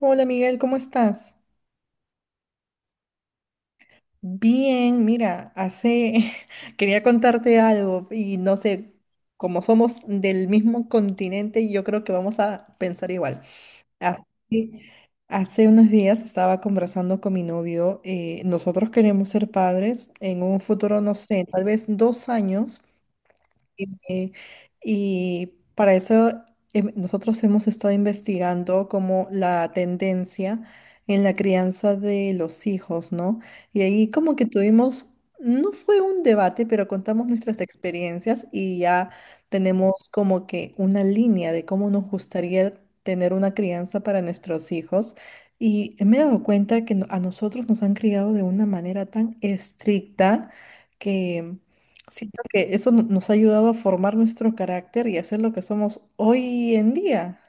Hola Miguel, ¿cómo estás? Bien, mira, hace quería contarte algo y no sé, como somos del mismo continente, yo creo que vamos a pensar igual. Hace, hace unos días estaba conversando con mi novio, nosotros queremos ser padres en un futuro, no sé, tal vez dos años. Y, y para eso nosotros hemos estado investigando como la tendencia en la crianza de los hijos, ¿no? Y ahí como que tuvimos, no fue un debate, pero contamos nuestras experiencias y ya tenemos como que una línea de cómo nos gustaría tener una crianza para nuestros hijos. Y me he dado cuenta que a nosotros nos han criado de una manera tan estricta. Siento que eso nos ha ayudado a formar nuestro carácter y a ser lo que somos hoy en día.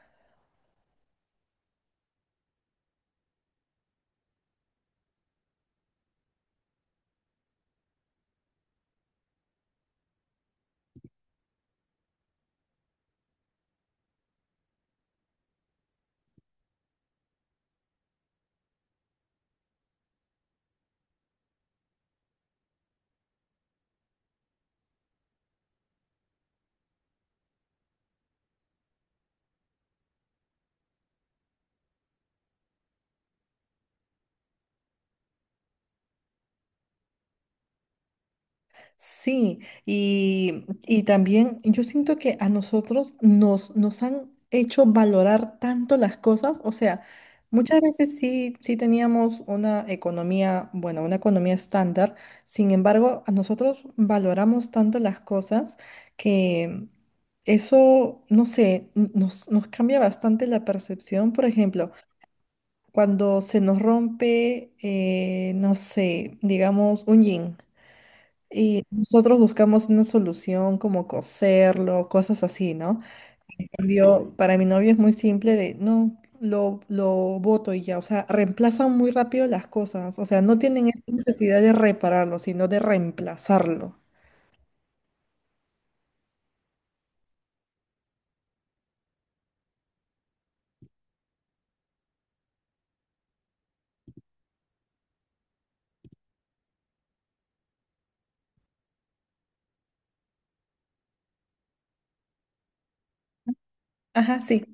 Sí, y también yo siento que a nosotros nos han hecho valorar tanto las cosas. O sea, muchas veces sí teníamos una economía, bueno, una economía estándar. Sin embargo, a nosotros valoramos tanto las cosas que eso, no sé, nos cambia bastante la percepción. Por ejemplo, cuando se nos rompe, no sé, digamos, un yin. Y nosotros buscamos una solución como coserlo, cosas así, ¿no? En cambio, para mi novio es muy simple de, no, lo boto y ya, o sea, reemplazan muy rápido las cosas, o sea, no tienen esta necesidad de repararlo, sino de reemplazarlo. Ajá, sí,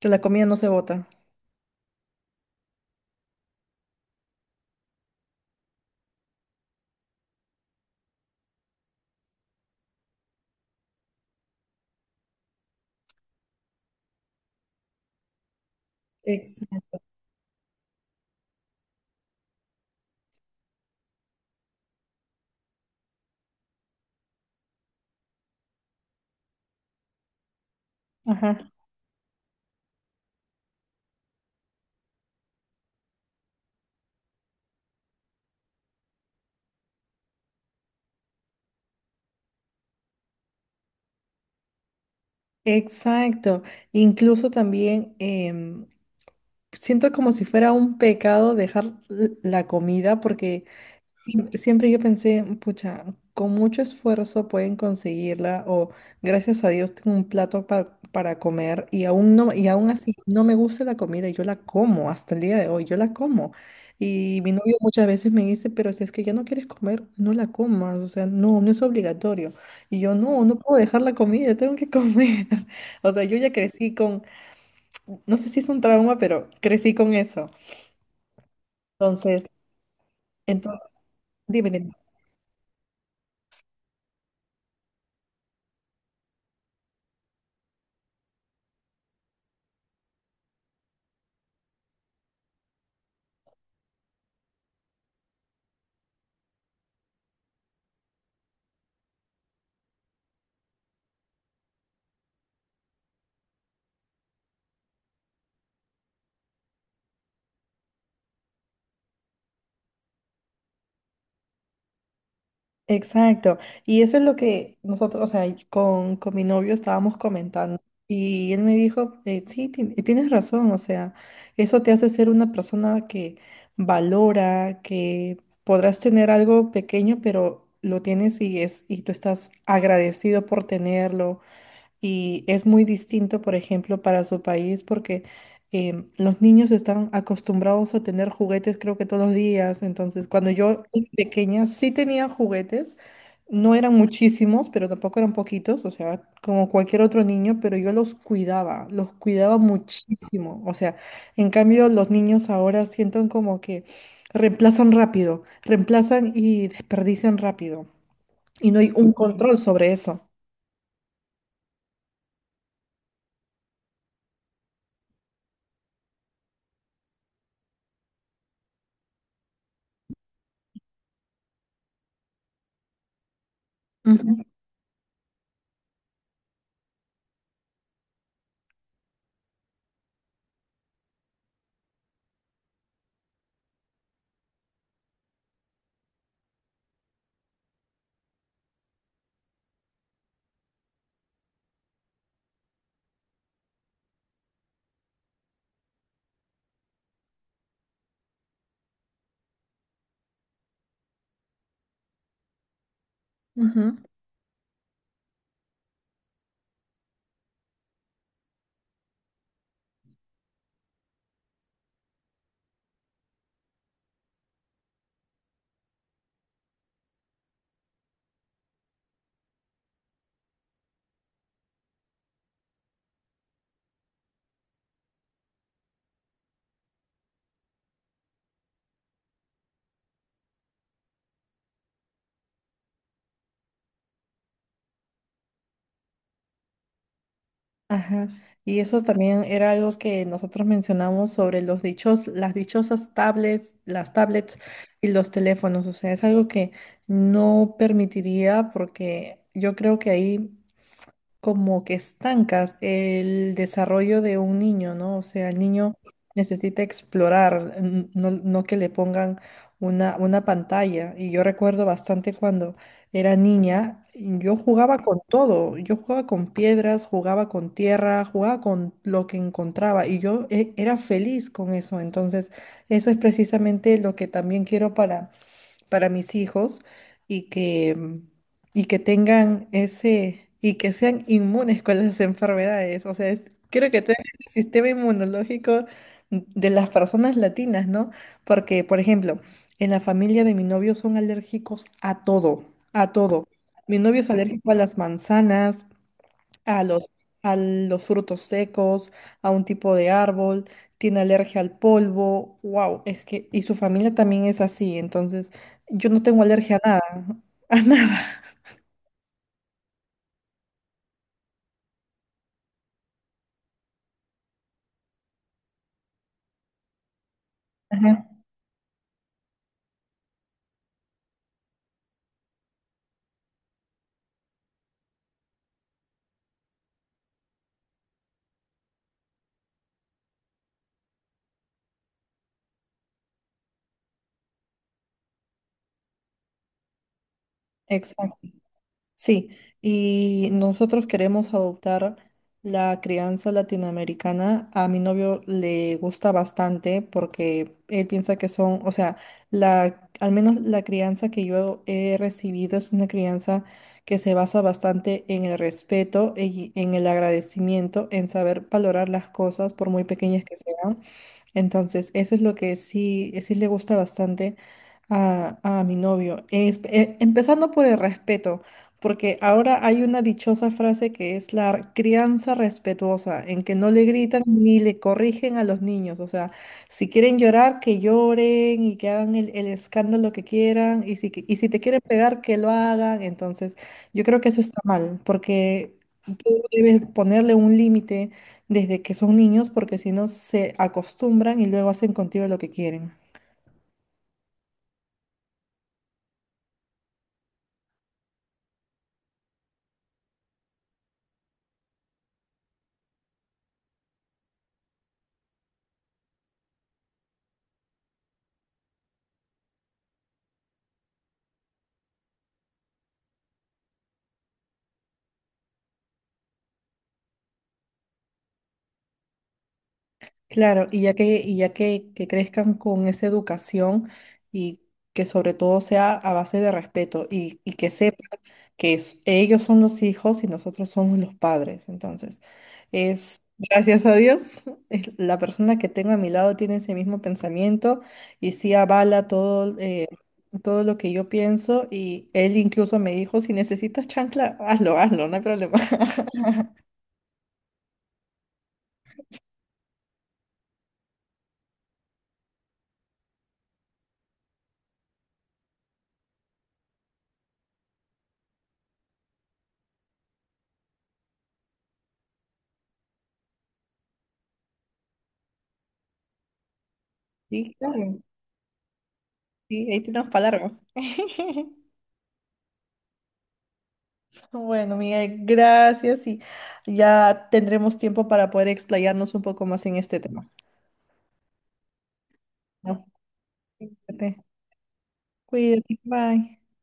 que la comida no se bota. Exacto. Ajá. Exacto. Incluso también siento como si fuera un pecado dejar la comida porque siempre yo pensé, pucha, con mucho esfuerzo pueden conseguirla o gracias a Dios tengo un plato para comer y aún así no me gusta la comida y yo la como hasta el día de hoy, yo la como. Y mi novio muchas veces me dice, pero si es que ya no quieres comer, no la comas, o sea, no, no es obligatorio. Y yo, no, no puedo dejar la comida, tengo que comer. O sea, yo ya crecí con, no sé si es un trauma, pero crecí con eso. Entonces, entonces, dime, dime. Exacto. Y eso es lo que nosotros, o sea, y con mi novio estábamos comentando. Y él me dijo, sí, tienes razón, o sea, eso te hace ser una persona que valora, que podrás tener algo pequeño, pero lo tienes y es, y tú estás agradecido por tenerlo. Y es muy distinto, por ejemplo, para su país porque los niños están acostumbrados a tener juguetes creo que todos los días. Entonces, cuando yo era pequeña sí tenía juguetes, no eran muchísimos, pero tampoco eran poquitos, o sea, como cualquier otro niño, pero yo los cuidaba muchísimo. O sea, en cambio los niños ahora sienten como que reemplazan rápido, reemplazan y desperdician rápido. Y no hay un control sobre eso. Ujú, ujú. Ajá. Y eso también era algo que nosotros mencionamos sobre los dichos, las dichosas tablets, las tablets y los teléfonos. O sea, es algo que no permitiría porque yo creo que ahí como que estancas el desarrollo de un niño, ¿no? O sea, el niño necesita explorar, no que le pongan una pantalla. Y yo recuerdo bastante cuando era niña, yo jugaba con todo, yo jugaba con piedras, jugaba con tierra, jugaba con lo que encontraba y yo era feliz con eso. Entonces, eso es precisamente lo que también quiero para mis hijos y que, y que tengan ese, y que sean inmunes con las enfermedades. O sea, creo que también es el sistema inmunológico de las personas latinas, ¿no? Porque, por ejemplo, en la familia de mi novio son alérgicos a todo, a todo. Mi novio es alérgico a las manzanas, a los, a los frutos secos, a un tipo de árbol, tiene alergia al polvo, wow, es que, y su familia también es así, entonces yo no tengo alergia a nada, a nada. Ajá, exacto. Sí, y nosotros queremos adoptar la crianza latinoamericana. A mi novio le gusta bastante porque él piensa que son, o sea, la, al menos la crianza que yo he recibido es una crianza que se basa bastante en el respeto y en el agradecimiento, en saber valorar las cosas por muy pequeñas que sean. Entonces, eso es lo que sí, sí le gusta bastante a mi novio. Empezando por el respeto, porque ahora hay una dichosa frase que es la crianza respetuosa, en que no le gritan ni le corrigen a los niños. O sea, si quieren llorar, que lloren y que hagan el escándalo que quieran. Y si te quieren pegar, que lo hagan. Entonces, yo creo que eso está mal, porque tú debes ponerle un límite desde que son niños porque si no se acostumbran y luego hacen contigo lo que quieren. Claro, y ya que crezcan con esa educación y que sobre todo sea a base de respeto y que sepan que ellos son los hijos y nosotros somos los padres. Entonces, es gracias a Dios, la persona que tengo a mi lado tiene ese mismo pensamiento y sí avala todo, todo lo que yo pienso y él incluso me dijo, si necesitas chancla, hazlo, hazlo, no hay problema. Sí, claro, sí, ahí tenemos para largo. Bueno, Miguel, gracias y ya tendremos tiempo para poder explayarnos un poco más en este tema. ¿No? Cuídate, cuídate, bye.